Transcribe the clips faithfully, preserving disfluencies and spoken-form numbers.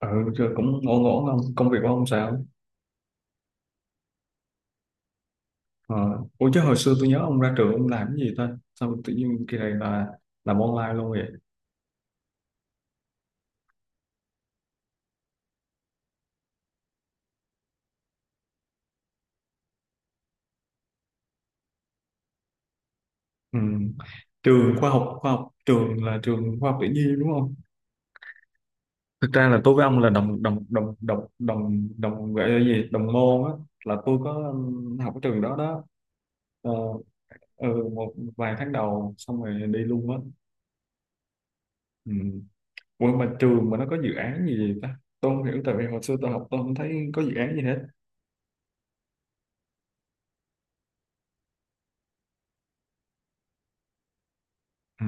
Ừ, rồi cũng ngộ ngộ không? Công việc của ông sao? Ờ. Ủa chứ hồi xưa tôi nhớ ông ra trường ông làm cái gì ta? Sao tự nhiên kỳ này là làm online luôn vậy? Ừ. Trường khoa học, khoa học trường là trường khoa học tự nhiên đúng không? Thực ra là tôi với ông là đồng đồng đồng đồng đồng đồng gọi là gì? Đồng môn á, là tôi có um, học ở trường đó đó. Ờ, ừ, một vài tháng đầu xong rồi đi luôn á. Ừ. Ủa mà trường mà nó có dự án gì vậy ta? Tôi không hiểu tại vì hồi xưa tôi học tôi không thấy có dự án gì hết. Ừ.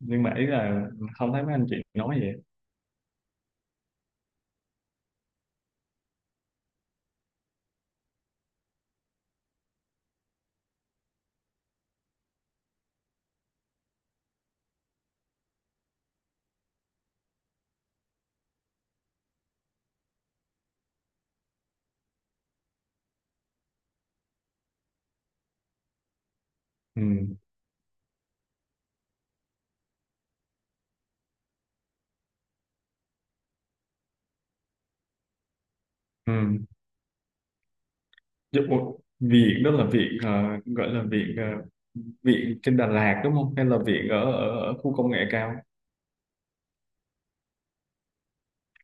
Nhưng mà ý là không thấy mấy anh chị nói vậy. Ừ. Ừ. Chứ, ủa, viện đó là viện ờ, gọi là viện ờ, viện trên Đà Lạt đúng không? Hay là viện ở ở, ở khu công nghệ cao?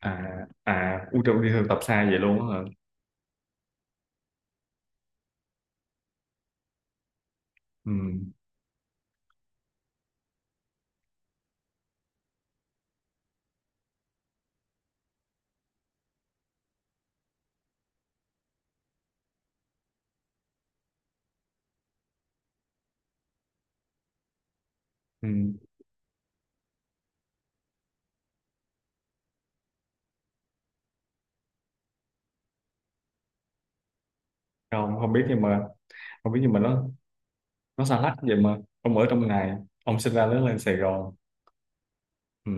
À, à, u trời đi thực tập xa vậy luôn á hả? Ừ. Ừ. Không, không biết nhưng mà không biết nhưng mà nó nó xa lắc vậy mà ông ở trong này, ông sinh ra lớn lên Sài Gòn. Ừ.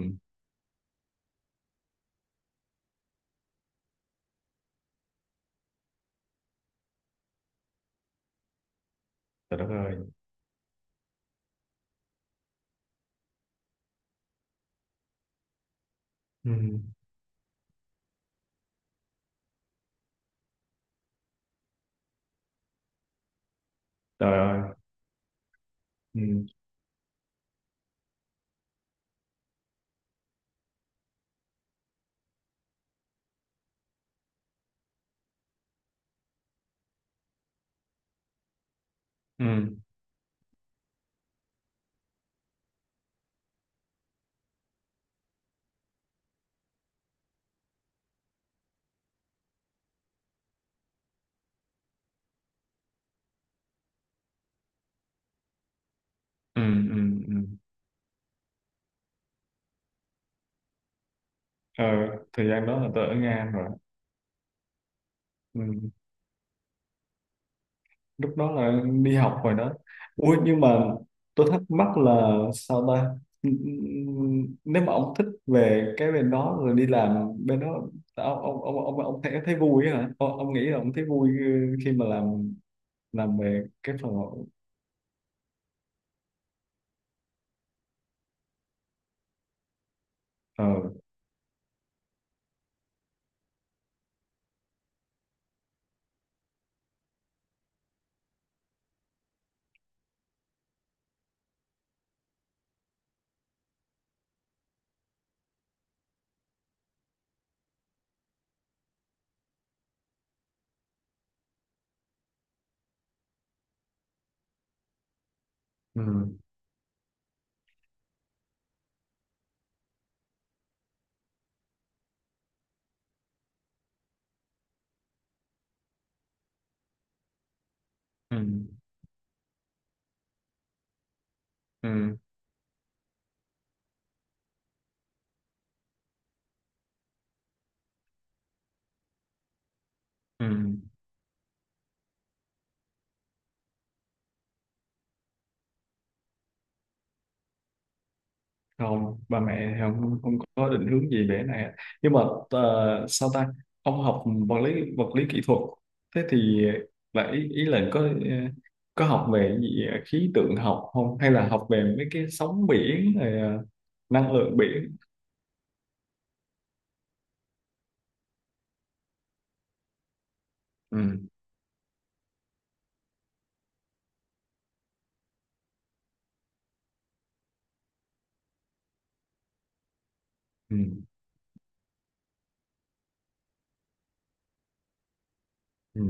Trời đất ơi. Ừ. Trời ơi. Ừ. Ừ. Ừ. Ừ. Ừ. Ờ, thời gian đó là tôi ở Nga rồi. Ừ. Lúc đó là đi học rồi đó. Ui nhưng mà tôi thắc mắc là sao ta, nếu mà ông thích về cái bên đó rồi đi làm bên đó, ông ông ông ông, ông thấy thấy vui á hả ông, ông nghĩ là ông thấy vui ờ, khi mà làm làm về cái phần ờ ừ ừ ừ ừ không, ba mẹ thì không, không có định hướng gì để này, nhưng mà ờ, sao ta, ông học vật lý vật lý kỹ thuật, thế thì là ý, ý là có ờ, có học về cái gì ờ, khí tượng học không, hay là học về mấy cái sóng biển rồi ờ, năng lượng biển ừ ừ ừ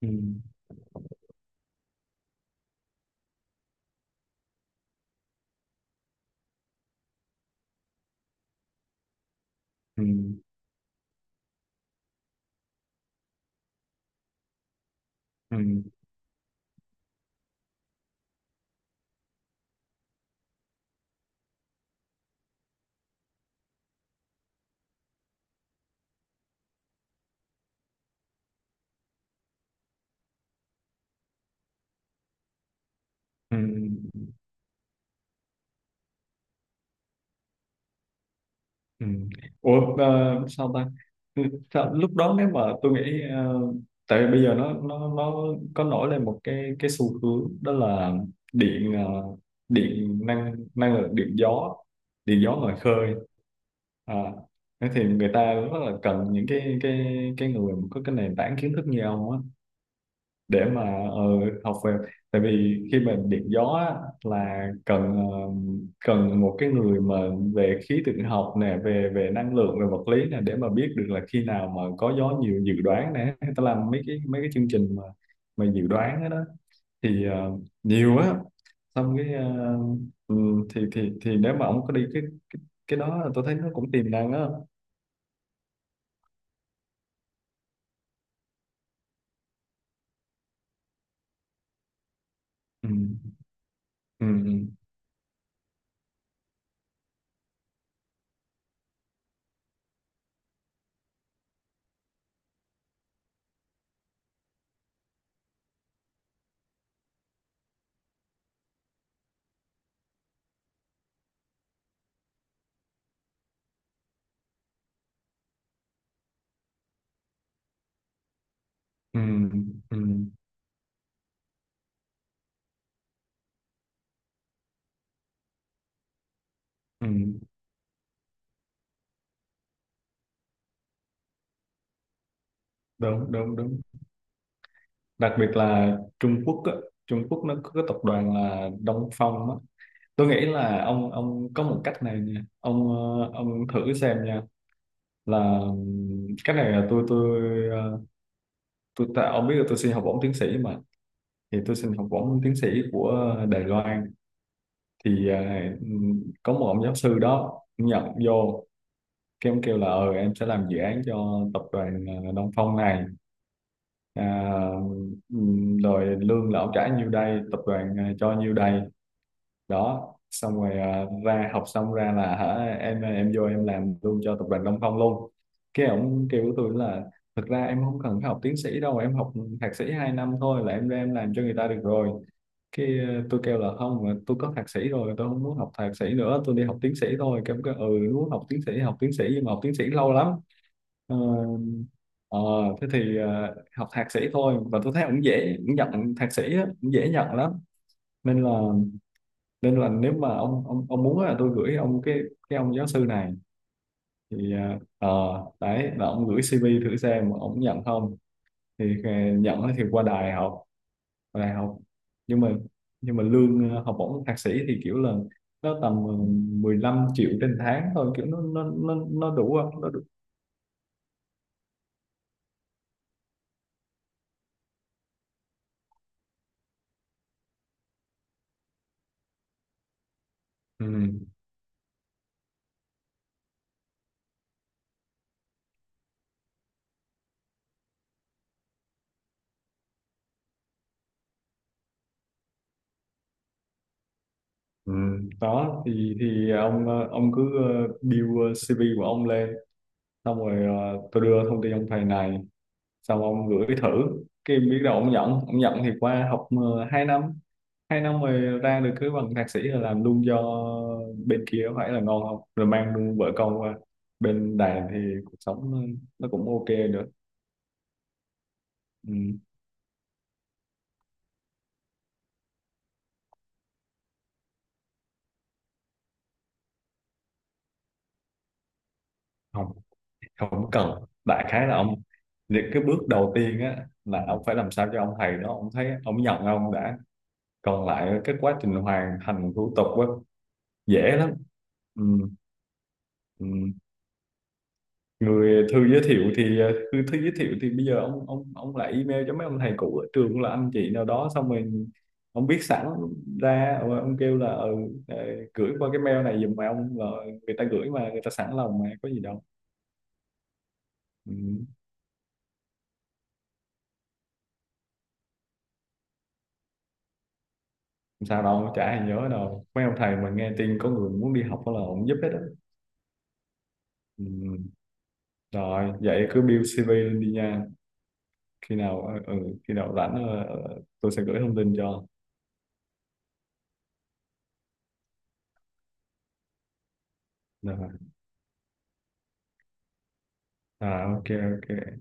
ừ ừ ừ ừ ừ. Ừ. Ủa ờ, sao ta. Ừ, sao, lúc đó nếu mà tôi nghĩ ờ, tại vì bây giờ nó nó nó có nổi lên một cái cái xu hướng đó là điện ờ, điện năng năng lượng điện gió, điện gió ngoài khơi, à, thế thì người ta rất là cần những cái cái cái người mà có cái nền tảng kiến thức như ông á, để mà ờ, học về, tại vì khi mà điện gió á, là cần ờ, cần một cái người mà về khí tượng học nè, về về năng lượng, về vật lý nè, để mà biết được là khi nào mà có gió nhiều, dự đoán nè, ta làm mấy cái mấy cái chương trình mà mà dự đoán đó, đó thì ờ, nhiều á, xong cái ờ, ừ, thì thì thì nếu mà ông có đi cái cái đó là tôi thấy nó cũng tiềm năng á. Ừ, ừ, ừ, ừ, ừ, ừ. Đúng, đúng, đúng, đặc biệt là Trung Quốc á, Trung Quốc nó có cái tập đoàn là Đông Phong á. Tôi nghĩ là ông ông có một cách này nha, ông ờ, ông thử xem nha, là ừm, cái này là tôi tôi ờ, tôi ta, ông biết là tôi xin học bổng tiến sĩ mà, thì tôi xin học bổng tiến sĩ của Đài Loan, thì ờ, ừm, có một ông giáo sư đó nhận vô, cái ông kêu là ờ em sẽ làm dự án cho tập đoàn ờ, Đông Phong này, à, ừm, rồi lương là ông trả nhiêu đây tập đoàn ờ, cho nhiêu đây, đó xong rồi ờ, ra học xong ra là hả em em vô em làm luôn cho tập đoàn Đông Phong luôn, cái ổng kêu với tôi là thực ra em không cần phải học tiến sĩ đâu, em học thạc sĩ hai năm thôi là em ra em làm cho người ta được rồi. Cái ờ, tôi kêu là không mà tôi có thạc sĩ rồi, tôi không muốn học thạc sĩ nữa, tôi đi học tiến sĩ thôi, cái ông kêu ừ muốn học tiến sĩ học tiến sĩ nhưng mà học tiến sĩ lâu lắm. Ờ, ờ, thế thì ờ, học thạc sĩ thôi và tôi thấy cũng dễ, cũng nhận thạc sĩ á, cũng dễ nhận lắm, nên là nên là nếu mà ông ông ông muốn là tôi gửi ông cái cái ông giáo sư này, thì ờ ờ, đấy là ông gửi xê vê thử xem mà ông nhận không, thì ờ, nhận thì qua đại học, qua đại học, nhưng mà nhưng mà lương ờ, học bổng thạc sĩ thì kiểu là nó tầm ờ, mười lăm triệu trên tháng thôi, kiểu nó nó nó nó đủ không, nó đủ. Ừ. Ừ. Đó thì thì ông ờ, ông cứ ờ, build xê vê của ông lên, xong rồi ờ, tôi đưa thông tin ông thầy này, xong ông gửi thử, cái biết đâu ông nhận, ông nhận thì qua học ờ, hai năm, hai năm rồi ra được cái bằng thạc sĩ là làm luôn cho bên kia, có phải là ngon không, rồi mang luôn vợ con qua bên Đài thì cuộc sống nó nó cũng ok nữa. Ừ. Không, không cần, đại khái là ông, những cái bước đầu tiên á là ông phải làm sao cho ông thầy đó ông thấy ông nhận ông đã, còn lại cái quá trình hoàn thành thủ tục á dễ lắm. Ừ. Ừ. Người thư giới thiệu thì ờ, thư, thư giới thiệu thì bây giờ ông ông ông lại email cho mấy ông thầy cũ ở trường là anh chị nào đó, xong rồi ông viết sẵn ra, rồi ông kêu là ừ, ờ, gửi qua cái mail này giùm, mà ông là người ta gửi, mà người ta sẵn lòng mà có gì đâu. Ừ. Không sao đâu, chả ai nhớ đâu, mấy ông thầy mà nghe tin có người muốn đi học là ông giúp hết đó. Ừ. Rồi vậy cứ build xê vê lên đi nha, khi nào ờ, ừ, khi nào rảnh ờ, ờ, tôi sẽ gửi thông tin cho. Rồi. À, ok, ok.